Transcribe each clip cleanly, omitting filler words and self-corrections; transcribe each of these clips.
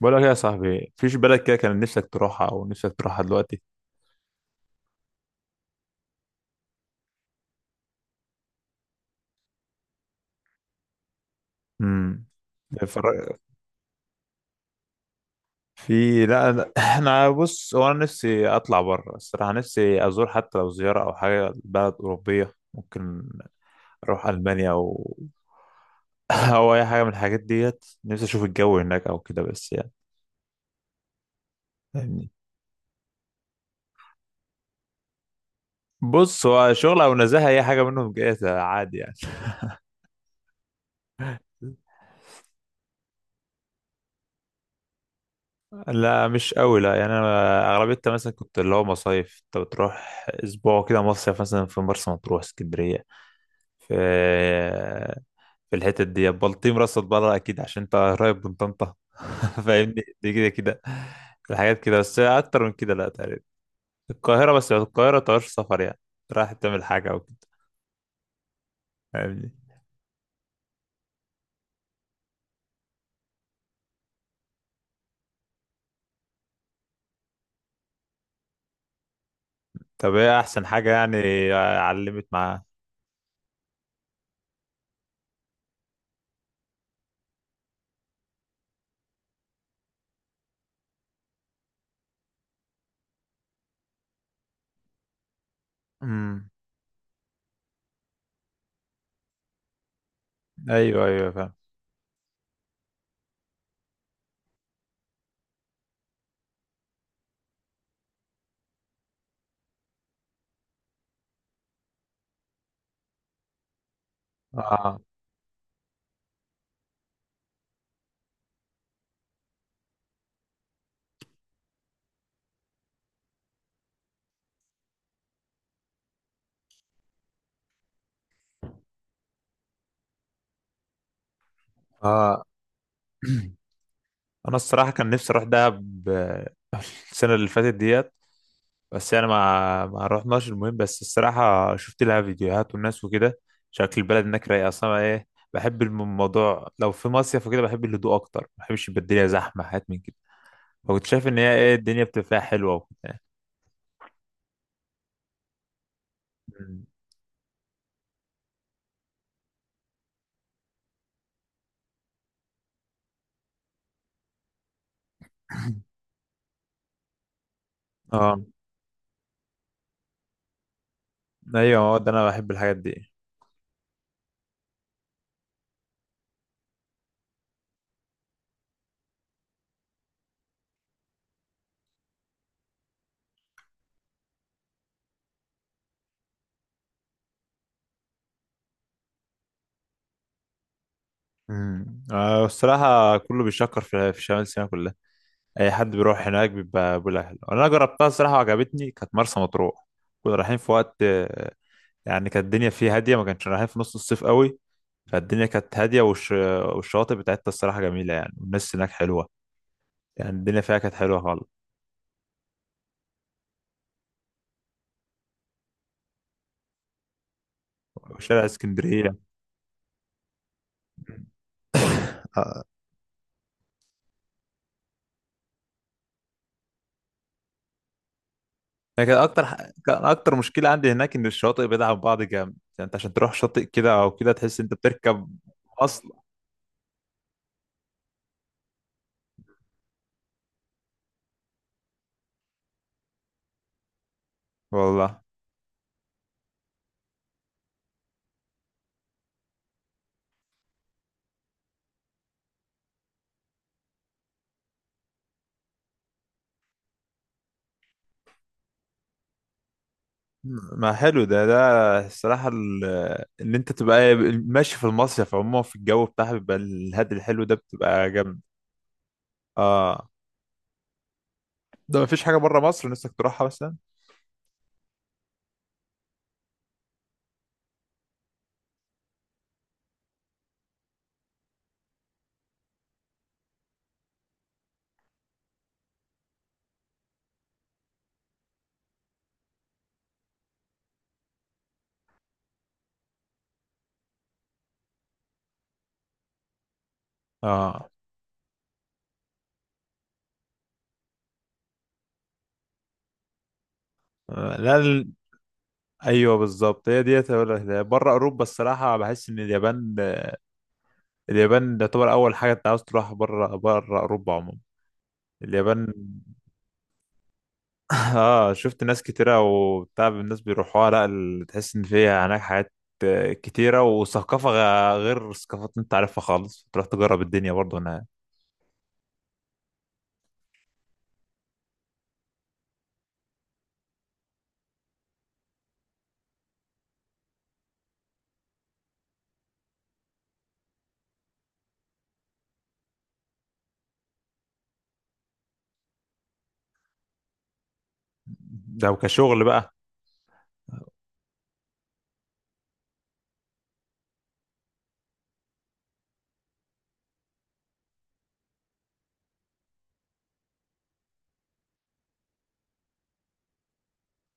بقول لك إيه يا صاحبي، فيش بلد كده كان نفسك تروحها او نفسك تروحها دلوقتي؟ امم اتفرج- في لا لا انا، بص، هو انا نفسي اطلع بره الصراحه. نفسي ازور، حتى لو زياره او حاجه، بلد اوروبيه. ممكن اروح المانيا او او اي حاجه من الحاجات ديت. نفسي اشوف الجو هناك او كده، بس يعني فاهمني. بص، هو شغل او نزاهه، اي حاجه منهم جايه عادي يعني. لا مش قوي، لا. يعني انا اغلبيتها مثلا كنت اللي هو مصايف، انت بتروح اسبوع كده مصيف، مثلا في مرسى مطروح، اسكندريه، في في الحتت دي، بلطيم، راس البر اكيد عشان انت قريب من طنطا. فاهمني، دي كده كده الحاجات كده. بس اكتر من كده لا، تقريبا القاهره بس. القاهره تعرفش سفر، يعني رايح تعمل حاجه او كده. فاهمني؟ طب ايه احسن حاجه يعني علمت معاه؟ امم. ايوه، ايوه فاهم. اه. اه. انا الصراحه كان نفسي اروح دهب آه، السنه اللي فاتت ديت، بس انا ما رحناش. المهم، بس الصراحه شفت لها فيديوهات والناس وكده. شكل البلد هناك رايق اصلا. ايه، بحب الموضوع لو في مصيف وكده بحب الهدوء اكتر، ما بحبش يبقى الدنيا زحمه حاجات من كده. فكنت شايف ان هي ايه، الدنيا بتبقى فيها حلوه وكده. مم. اه، ايوه، هو ده، انا بحب الحاجات دي. امم. الصراحه كله بيشكر في شمال سيناء كلها. اي حد بيروح هناك بيبقى بالاهل. انا جربتها الصراحه وعجبتني، كانت مرسى مطروح. كنا رايحين في وقت آه، يعني كانت الدنيا فيه هاديه، ما كانش رايحين في نص الصيف قوي. فالدنيا كانت هاديه، والشواطئ بتاعتها الصراحه جميله يعني، والناس هناك حلوه. يعني الدنيا فيها كانت حلوه خالص. وشارع اسكندريه. لكن كان اكتر مشكله عندي هناك ان الشواطئ بعيده عن بعض جامد. يعني انت عشان تروح شاطئ كده او كده تحس انت بتركب اصلا. والله. ما حلو ده، ده الصراحة ان انت تبقى ماشي في المصيف. عموما في الجو بتاعها بيبقى الهاد الحلو ده، بتبقى جامد. اه. ده مفيش حاجة بره مصر نفسك تروحها مثلا؟ اه. آه، لا ال- ايوه بالظبط، هي ديت هقول لك ده. بره اوروبا الصراحة بحس ان اليابان، اليابان تعتبر اول حاجة انت عاوز تروحها بره، بره اوروبا عموما. اليابان. اه، شفت ناس كتيرة وبتاع الناس بيروحوها. لا ال- تحس ان فيها هناك حاجات آه، كتيرة، وثقافة غير ثقافات انت عارفها خالص. تروح تجرب الدنيا برضو. انا لو كشغل بقى.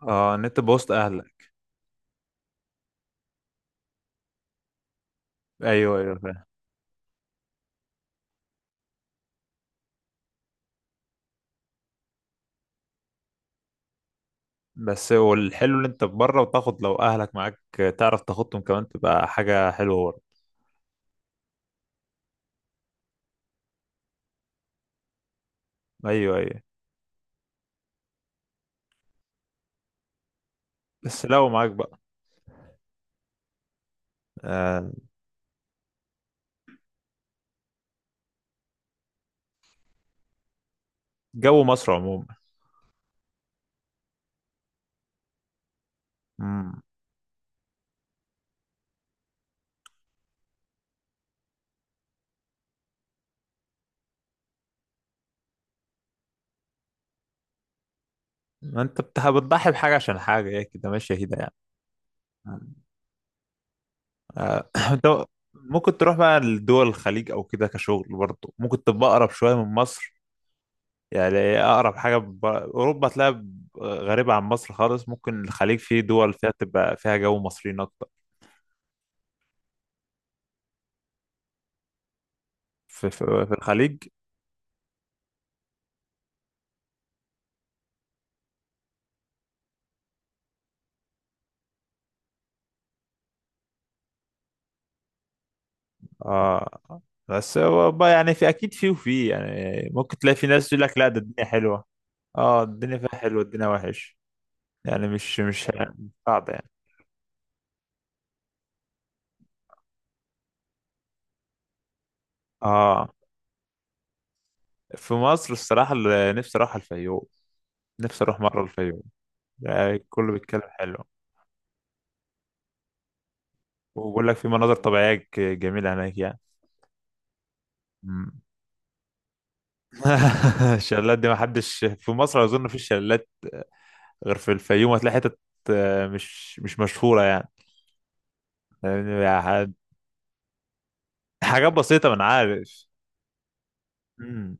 اه، ان انت بوسط اهلك. ايوه، ايوه فاهم. بس هو الحلو ان انت بره وتاخد لو اهلك معاك آه، تعرف تاخدهم كمان، تبقى حاجة حلوة برضه. ايوه، ايوه. بس لو معاك بقى. آه. جو مصر عموما. مم. ما انت بتضحي بحاجة عشان حاجة، هي كده ماشية كده يعني. آه، انت ممكن تروح بقى لدول الخليج او كده كشغل برضه، ممكن تبقى اقرب شويه من مصر. يعني اقرب حاجه، اوروبا تلاقي غريبه عن مصر خالص. ممكن الخليج، فيه دول فيها تبقى فيها جو مصريين اكتر. في الخليج. آه. بس هو بقى يعني، في اكيد فيه وفيه. يعني ممكن تلاقي في ناس يقول لك لا، ده الدنيا حلوه. اه، الدنيا فيها حلوه، الدنيا وحش. يعني مش، صعب يعني. اه، في مصر الصراحه اللي نفسي اروح الفيوم. نفسي اروح مره الفيوم. يعني كله بيتكلم حلو. وبقول لك في مناظر طبيعية جميلة هناك يعني. مم. الشلالات دي ما حدش في مصر أظن في الشلالات غير في الفيوم. هتلاقي حتت آه، مش مشهورة يعني. يعني حاجات بسيطة، ما أنا عارف. مم.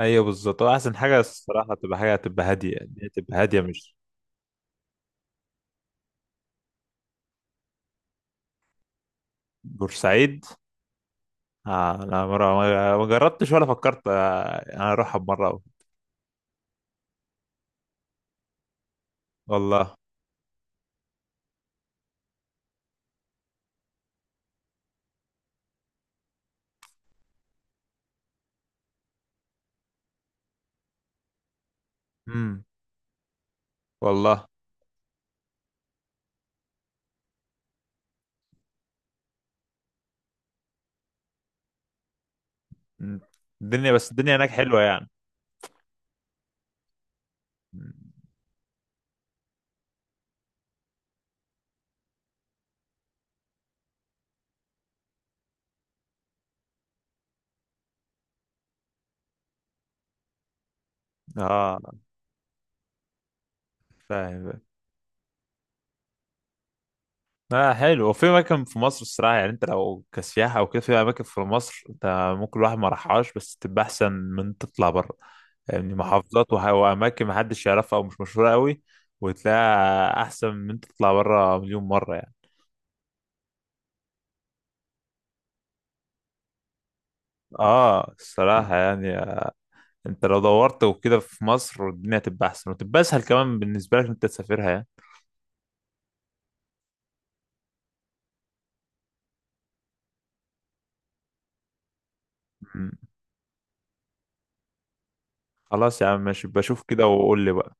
أيوه بالظبط، هو أحسن حاجة الصراحة تبقى حاجة تبقى هادية. دي تبقى هادية مش. بورسعيد؟ آه أنا مرة ما جربتش ولا فكرت آه، أنا أروحها بمرة. والله. مم. والله. مم. الدنيا، بس الدنيا هناك حلوة يعني. اه. فاهم. اه حلو. وفي اماكن في مصر الصراحه، يعني انت لو كسياحه او كده، في اماكن في مصر انت ممكن الواحد ما راحهاش بس تبقى احسن من تطلع بره. يعني محافظات واماكن ما حدش يعرفها او مش مشهوره قوي، وتلاقيها احسن من انت تطلع بره 1000000 مره يعني. اه الصراحه يعني آه، انت لو دورت وكده في مصر، الدنيا تبقى احسن وتبقى اسهل كمان بالنسبه لك إن انت تسافرها يعني. مم. خلاص يا عم، ماشي، بشوف كده وقول لي بقى.